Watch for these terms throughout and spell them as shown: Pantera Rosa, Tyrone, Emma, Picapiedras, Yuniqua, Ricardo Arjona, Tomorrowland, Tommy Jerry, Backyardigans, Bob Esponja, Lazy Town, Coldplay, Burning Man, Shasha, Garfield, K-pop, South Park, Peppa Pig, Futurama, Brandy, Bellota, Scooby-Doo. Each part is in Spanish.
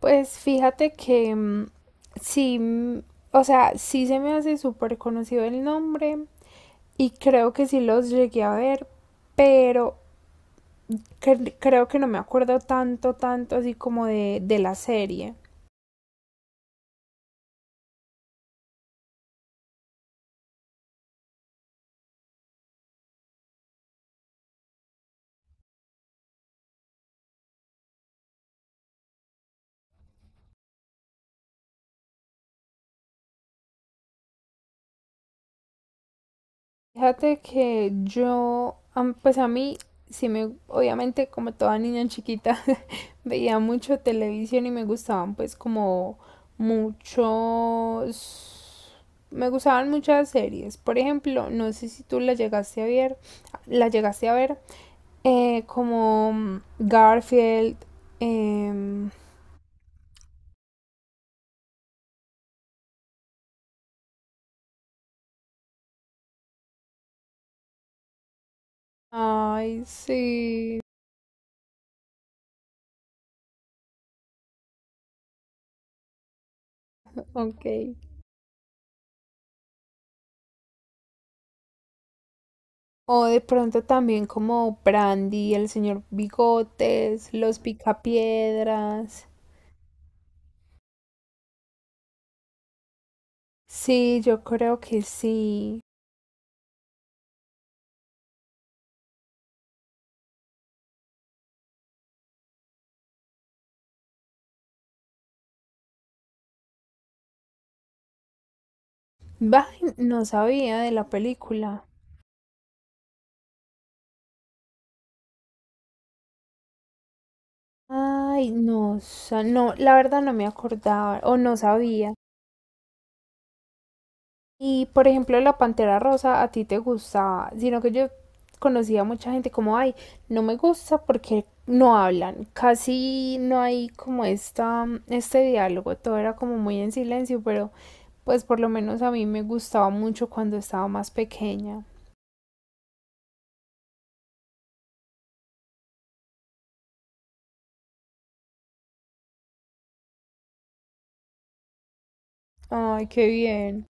Pues fíjate que sí, o sea, sí se me hace súper conocido el nombre y creo que sí los llegué a ver, pero creo que no me acuerdo tanto así como de la serie. Fíjate que yo, pues a mí sí me, obviamente como toda niña chiquita, veía mucho televisión y me gustaban pues como muchos... Me gustaban muchas series. Por ejemplo, no sé si tú la llegaste a ver, como Garfield. em, Ay, sí. Ok. O de pronto también como Brandy, el señor Bigotes, los Picapiedras. Sí, yo creo que sí. Bah, no sabía de la película. Ay, no, no, la verdad no me acordaba o no sabía. Y por ejemplo, la Pantera Rosa a ti te gustaba, sino que yo conocía a mucha gente como, ay, no me gusta porque no hablan, casi no hay como esta, este diálogo, todo era como muy en silencio, pero pues por lo menos a mí me gustaba mucho cuando estaba más pequeña. Ay, qué bien.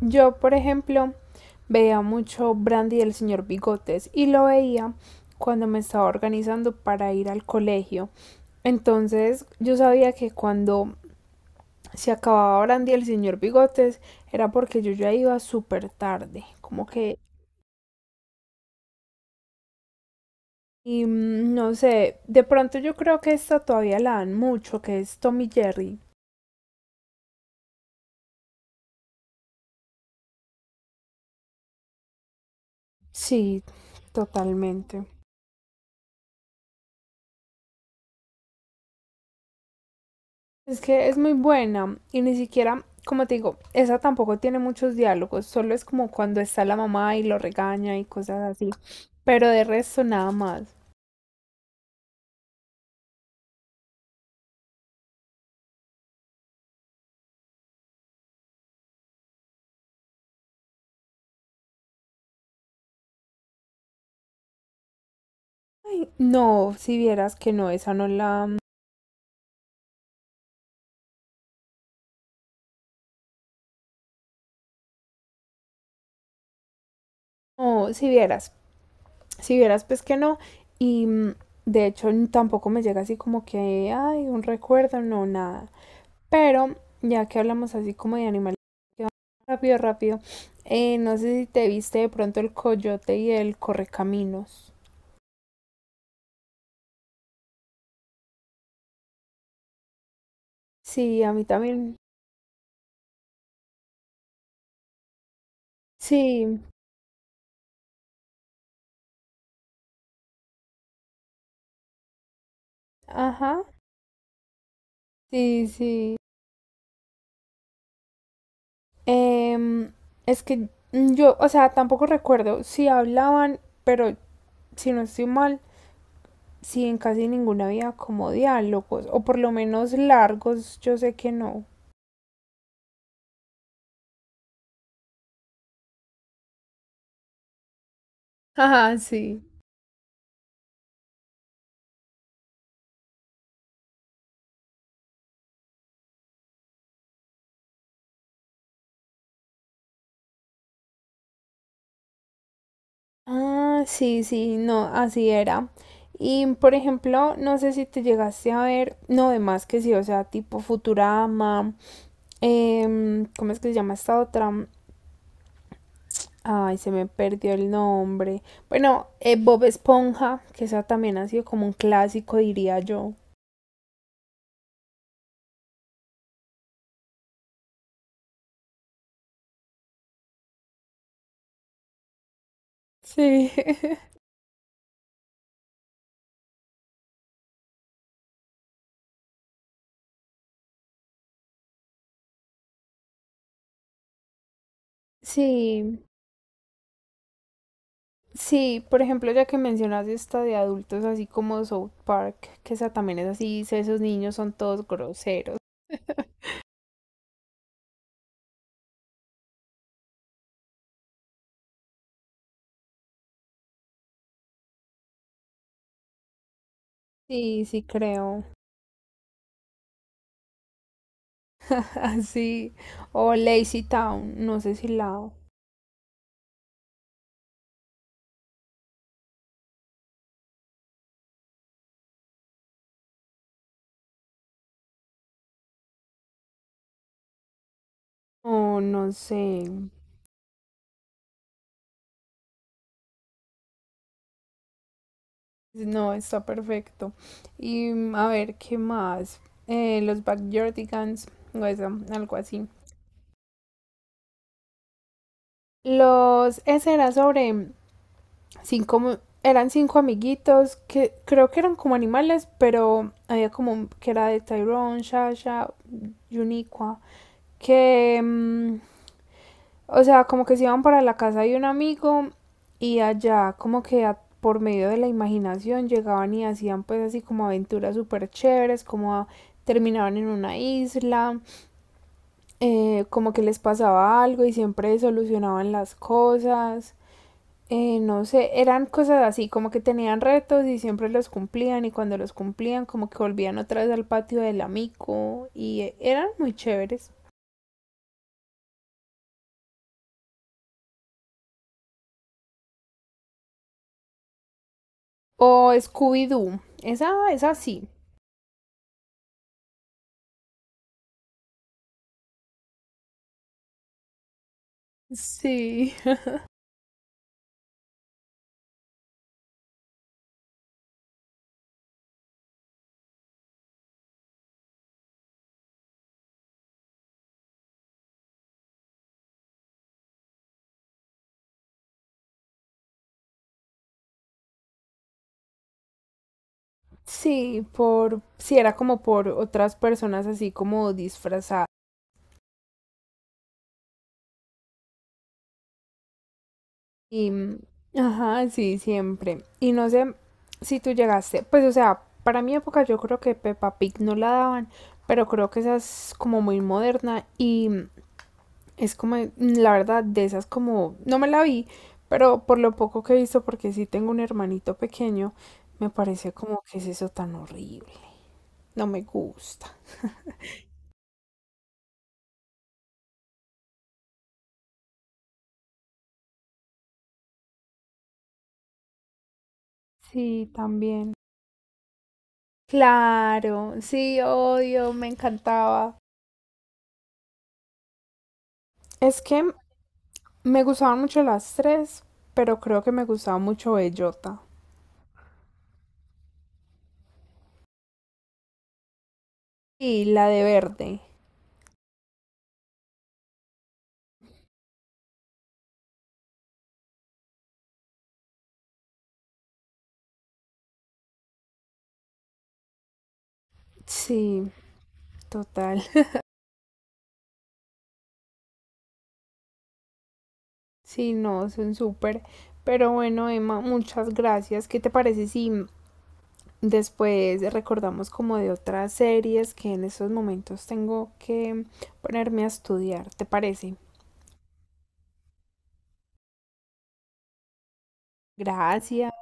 Yo, por ejemplo, veía mucho Brandy del señor Bigotes y lo veía cuando me estaba organizando para ir al colegio. Entonces yo sabía que cuando se acababa Brandy el señor Bigotes era porque yo ya iba súper tarde, como que... Y no sé, de pronto yo creo que esta todavía la dan mucho, que es Tommy Jerry. Sí, totalmente. Es que es muy buena y ni siquiera, como te digo, esa tampoco tiene muchos diálogos, solo es como cuando está la mamá y lo regaña y cosas así, pero de resto nada más. Ay, no, si vieras que no, esa no la... Mm. No, si vieras pues que no y de hecho tampoco me llega así como que, ay, un recuerdo, no, nada. Pero ya que hablamos así como de animales, que vamos rápido, rápido, no sé si te viste de pronto el coyote y el correcaminos. Sí, a mí también. Sí, ajá. Sí, sí. Em, es que yo, o sea, tampoco recuerdo si hablaban, pero si no estoy mal, sí, en casi ninguna había como diálogos, o por lo menos largos, yo sé que no. Ajá, sí. Ah, sí, sí, no, así era. Y por ejemplo, no sé si te llegaste a ver, no, de más que sí, o sea, tipo Futurama. ¿Cómo es que se llama esta otra? Ay, se me perdió el nombre. Bueno, Bob Esponja, que esa también ha sido como un clásico, diría yo. Sí. Sí, sí, por ejemplo, ya que mencionas esta de adultos, así como South Park, que esa también es así, dice, esos niños son todos groseros. Sí, sí creo. Así. O Lazy Town, no sé si la... O no sé. No, está perfecto. Y a ver, ¿qué más? Los Backyardigans, o eso, algo así. Ese era sobre cinco, eran cinco amiguitos que creo que eran como animales, pero había como que era de Tyrone, Shasha, Yuniqua, que mm, o sea, como que se iban para la casa de un amigo y allá como que por medio de la imaginación llegaban y hacían pues así como aventuras súper chéveres, como terminaban en una isla, como que les pasaba algo y siempre solucionaban las cosas. No sé, eran cosas así, como que tenían retos y siempre los cumplían y cuando los cumplían como que volvían otra vez al patio del amigo y eran muy chéveres. O Scooby-Doo, esa sí. Sí. Sí, sí, era como por otras personas así como disfrazadas. Y, ajá, sí, siempre. Y no sé si tú llegaste, pues o sea, para mi época yo creo que Peppa Pig no la daban, pero creo que esa es como muy moderna y es como, la verdad, de esas como, no me la vi, pero por lo poco que he visto, porque sí tengo un hermanito pequeño, me parece como que es eso tan horrible. No me gusta. Sí, también. Claro, sí, odio, me encantaba. Es que me gustaban mucho las tres, pero creo que me gustaba mucho Bellota. Y la de verde. Sí, total. Sí, no, son súper. Pero bueno, Emma, muchas gracias. ¿Qué te parece si después recordamos como de otras series que en estos momentos tengo que ponerme a estudiar? ¿Te parece? Gracias.